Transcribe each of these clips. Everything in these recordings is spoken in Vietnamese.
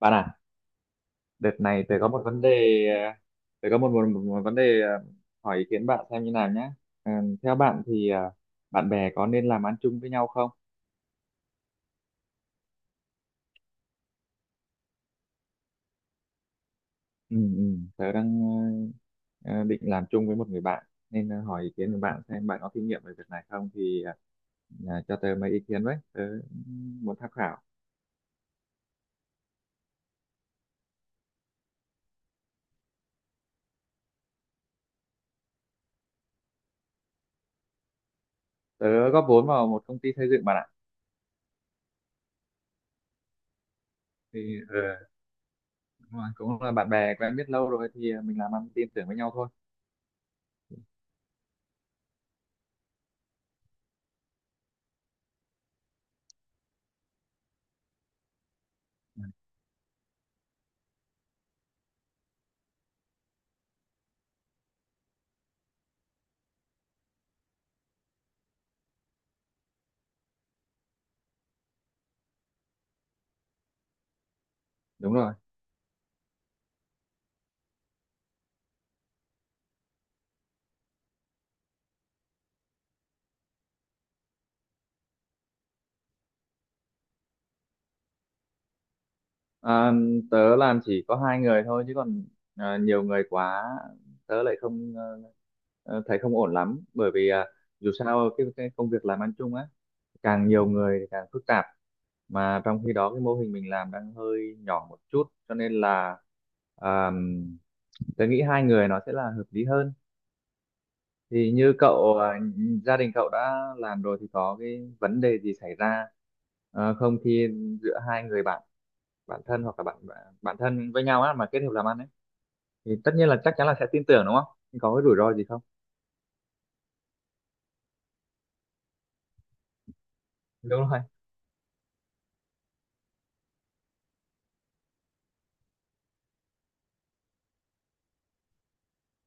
Bạn à, đợt này tớ có một vấn đề, ờ, tớ có một vấn đề hỏi ý kiến bạn xem như nào nhé. Ờ, Theo bạn thì bạn bè có nên làm ăn chung với nhau không? Ừ, ừ, Tớ đang ờ, định làm chung với một người bạn nên hỏi ý kiến của bạn xem bạn có kinh nghiệm về việc này không thì cho tớ mấy ý kiến với, tớ muốn tham khảo. Tớ góp vốn vào một công ty xây dựng bạn ạ. Thì ờ, đúng rồi, cũng là bạn bè quen biết lâu rồi thì mình làm ăn tin tưởng với nhau thôi. Ừ, đúng rồi. À, tớ làm chỉ có hai người thôi chứ còn à, nhiều người quá tớ lại không thấy không ổn lắm bởi vì à, dù sao cái công việc làm ăn chung á càng nhiều người thì càng phức tạp mà trong khi đó cái mô hình mình làm đang hơi nhỏ một chút cho nên là à, tớ nghĩ hai người nó sẽ là hợp lý hơn thì như cậu à, gia đình cậu đã làm rồi thì có cái vấn đề gì xảy ra không khi giữa hai người bạn bạn thân hoặc là bạn bạn thân với nhau á mà kết hợp làm ăn ấy thì tất nhiên là chắc chắn là sẽ tin tưởng đúng không? Nhưng có cái rủi ro gì không? Đúng rồi.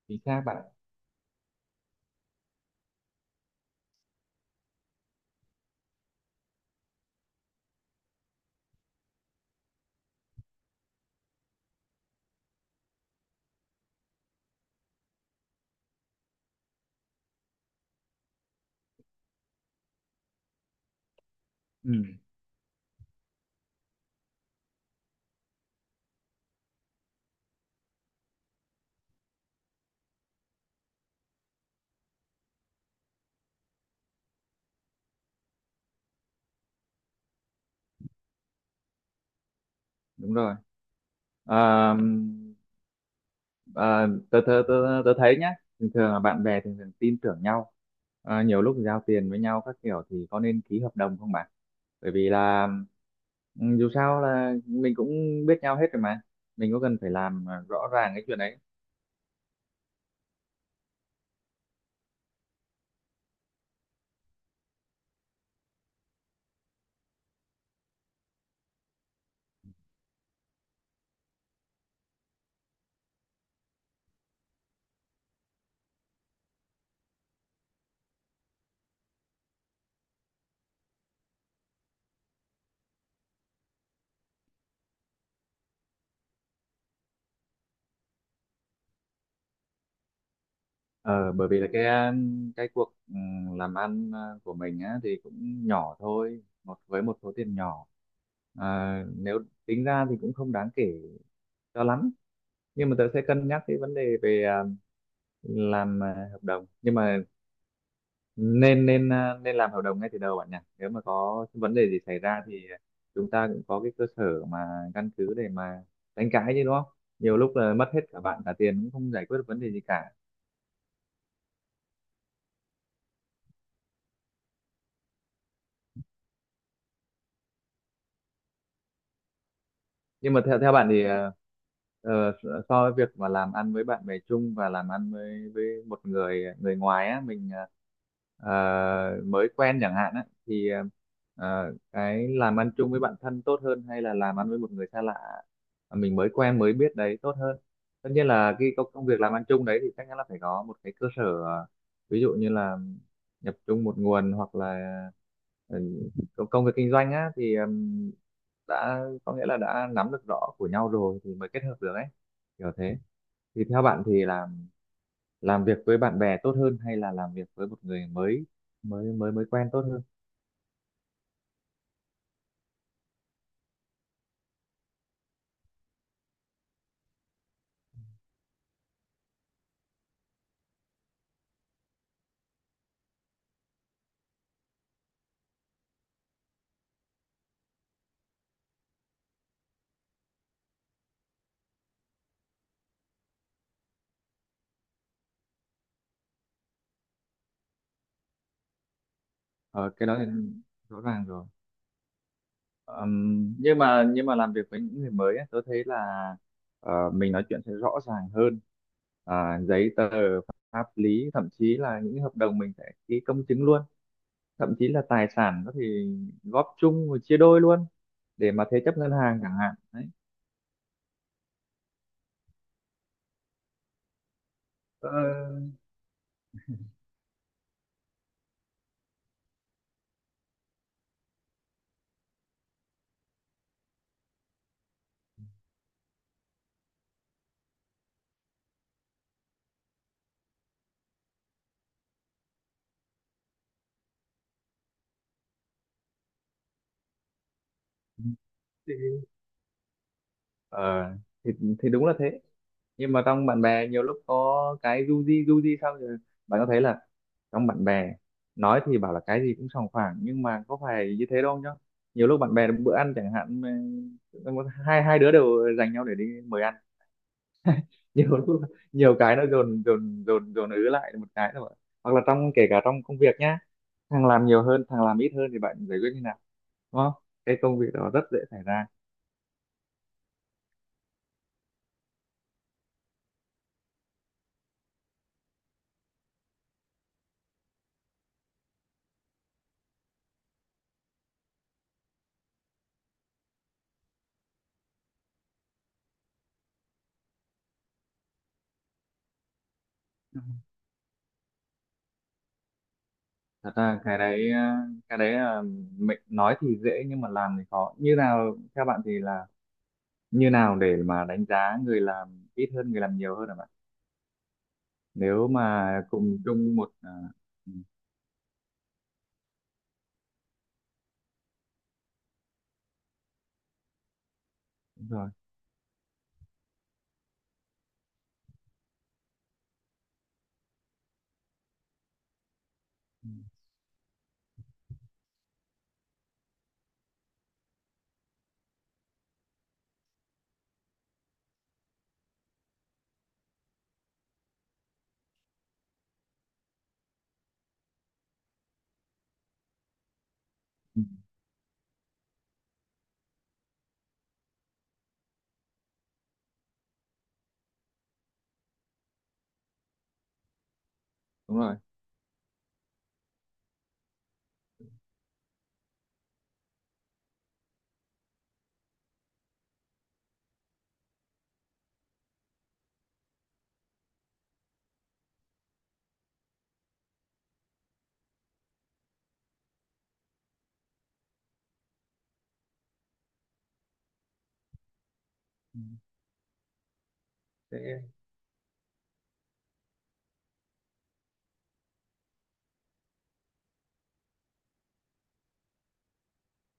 Chính xác bạn ạ. Ừ, đúng rồi. À, à, tớ, tớ, tớ, tớ thấy nhá, thường thường là bạn bè thường thường tin tưởng nhau. À, nhiều lúc giao tiền với nhau các kiểu thì có nên ký hợp đồng không bạn? Bởi vì là ừ, dù sao là mình cũng biết nhau hết rồi mà. Mình có cần phải làm à, rõ ràng cái chuyện đấy. Ờ, Bởi vì là cái cuộc làm ăn của mình á, thì cũng nhỏ thôi một với một số tiền nhỏ à, nếu tính ra thì cũng không đáng kể cho lắm nhưng mà tớ sẽ cân nhắc cái vấn đề về à, làm à, hợp đồng nhưng mà nên nên à, nên làm hợp đồng ngay từ đầu bạn nhỉ. Nếu mà có vấn đề gì xảy ra thì chúng ta cũng có cái cơ sở mà căn cứ để mà đánh cãi chứ, đúng không? Nhiều lúc là mất hết cả bạn cả tiền cũng không giải quyết được vấn đề gì cả. Nhưng mà theo theo bạn thì ờ, so với việc mà làm ăn với bạn bè chung và làm ăn với một người người ngoài á, mình ờ, mới quen chẳng hạn á, thì cái làm ăn chung với bạn thân tốt hơn hay là làm ăn với một người xa lạ mà mình mới quen mới biết đấy tốt hơn? Tất nhiên là cái công công việc làm ăn chung đấy thì chắc chắn là phải có một cái cơ sở ví dụ như là nhập chung một nguồn hoặc là ừ, công công việc kinh doanh á thì đã có nghĩa là đã nắm được rõ của nhau rồi thì mới kết hợp được ấy, kiểu thế. Thì theo bạn thì làm việc với bạn bè tốt hơn hay là làm việc với một người mới, mới quen tốt hơn? Ờ, cái đó thì rõ ràng rồi. Nhưng mà làm việc với những người mới ấy, tôi thấy là mình nói chuyện sẽ rõ ràng hơn. À, giấy tờ pháp lý, thậm chí là những hợp đồng mình sẽ ký công chứng luôn, thậm chí là tài sản có thể góp chung rồi chia đôi luôn để mà thế chấp ngân hàng chẳng hạn đấy. Ờ, thì ờ thì thì đúng là thế, nhưng mà trong bạn bè nhiều lúc có cái du di sao rồi. Bạn có thấy là trong bạn bè, nói thì bảo là cái gì cũng sòng phẳng nhưng mà có phải như thế đâu nhá. Nhiều lúc bạn bè bữa ăn chẳng hạn mà hai hai đứa đều dành nhau để đi mời ăn nhiều lúc nhiều cái nó dồn dồn dồn dồn ứ lại một cái thôi, hoặc là trong, kể cả trong công việc nhá, thằng làm nhiều hơn thằng làm ít hơn thì bạn giải quyết như nào, đúng không? Cái công việc đó rất dễ xảy ra. Thật ra cái đấy là mình nói thì dễ nhưng mà làm thì khó. Như nào theo bạn thì là như nào để mà đánh giá người làm ít hơn người làm nhiều hơn hả bạn, nếu mà cùng chung một à, ừ, đúng rồi. Ừ, đúng rồi. Ừ, sẽ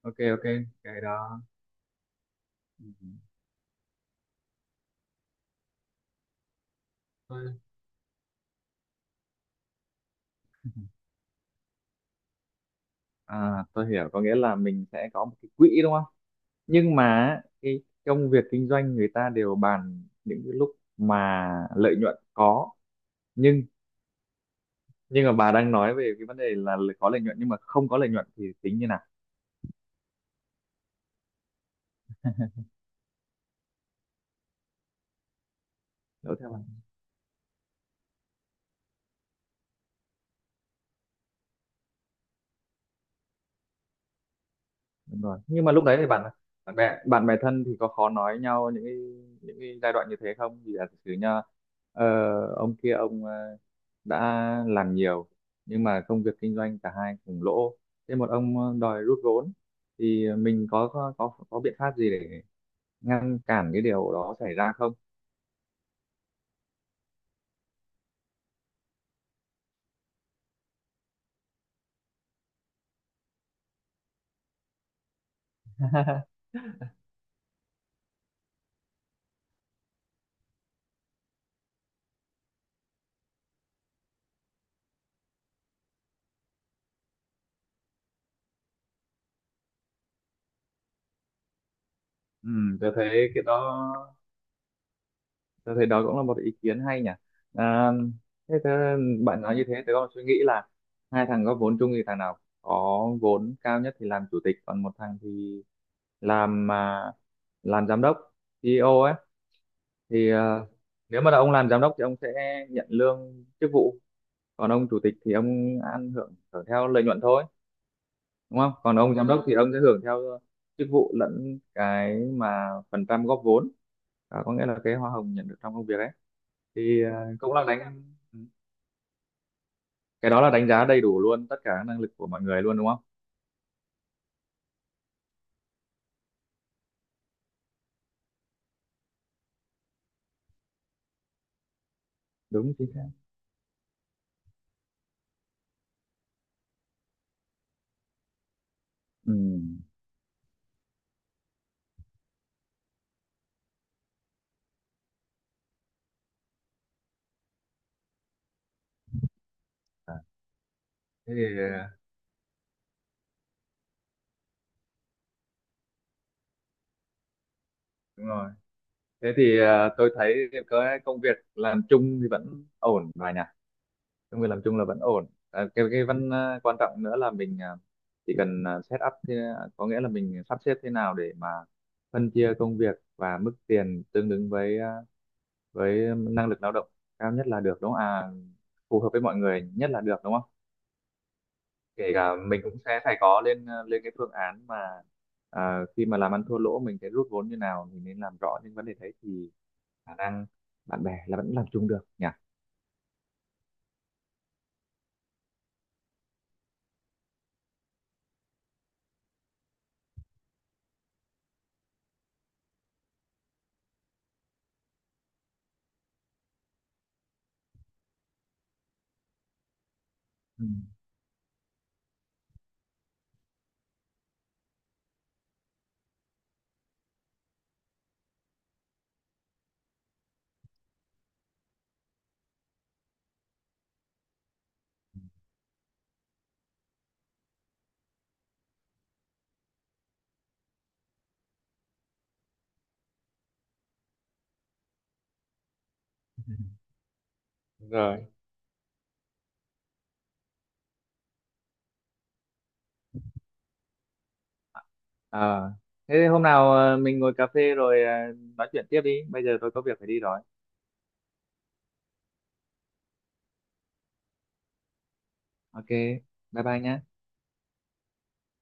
ok. Ok cái đó. Ừ, tôi à, tôi hiểu, có nghĩa là mình sẽ có một cái quỹ đúng không. Nhưng mà cái công việc kinh doanh người ta đều bàn những cái lúc mà lợi nhuận có, nhưng nhưng mà bà đang nói về cái vấn đề là có lợi nhuận, nhưng mà không có lợi nhuận thì tính như nào? Đó theo bạn, đúng rồi, nhưng mà lúc đấy thì bạn bạn bè thân thì có khó nói nhau những cái, những cái giai đoạn như thế không, vì là thực sự nha, ờ, ông kia ông đã làm nhiều nhưng mà công việc kinh doanh cả hai cùng lỗ, thế một ông đòi rút vốn thì mình có biện pháp gì để ngăn cản cái điều đó xảy ra không? Ừ, tôi thấy cái đó, tôi thấy đó cũng là một ý kiến hay nhỉ. À, thế thế bạn nói như thế, tôi còn suy nghĩ là hai thằng góp vốn chung thì thằng nào có vốn cao nhất thì làm chủ tịch, còn một thằng thì làm à, làm giám đốc, CEO ấy. Thì à, nếu mà là ông làm giám đốc thì ông sẽ nhận lương chức vụ, còn ông chủ tịch thì ông ăn hưởng hưởng theo lợi nhuận thôi, đúng không? Còn ông giám đốc thì ông sẽ hưởng theo chức vụ lẫn cái mà phần trăm góp vốn, à, có nghĩa là cái hoa hồng nhận được trong công việc ấy. Thì cũng là đánh, ừ, cái đó là đánh giá đầy đủ luôn tất cả các năng lực của mọi người luôn đúng không? Đúng, chính xác. Ừ, à, thế thì đúng rồi, thế thì tôi thấy cái công việc làm chung thì vẫn ổn rồi nhỉ. Công việc làm chung là vẫn ổn à, cái ừ, vẫn quan trọng nữa là mình chỉ cần set up thế, có nghĩa là mình sắp xếp thế nào để mà phân chia công việc và mức tiền tương ứng với với năng lực lao động cao nhất là được đúng không, à, phù hợp với mọi người nhất là được đúng không. Kể cả mình cũng sẽ phải có lên lên cái phương án mà à, khi mà làm ăn thua lỗ mình sẽ rút vốn như nào, mình nên làm rõ những vấn đề đấy thì khả năng bạn bè là vẫn làm chung được nhỉ. Ừ, đúng rồi. Ờ, thế thì hôm nào mình ngồi cà phê rồi nói chuyện tiếp đi, bây giờ tôi có việc phải đi rồi. Ok bye bye nhé.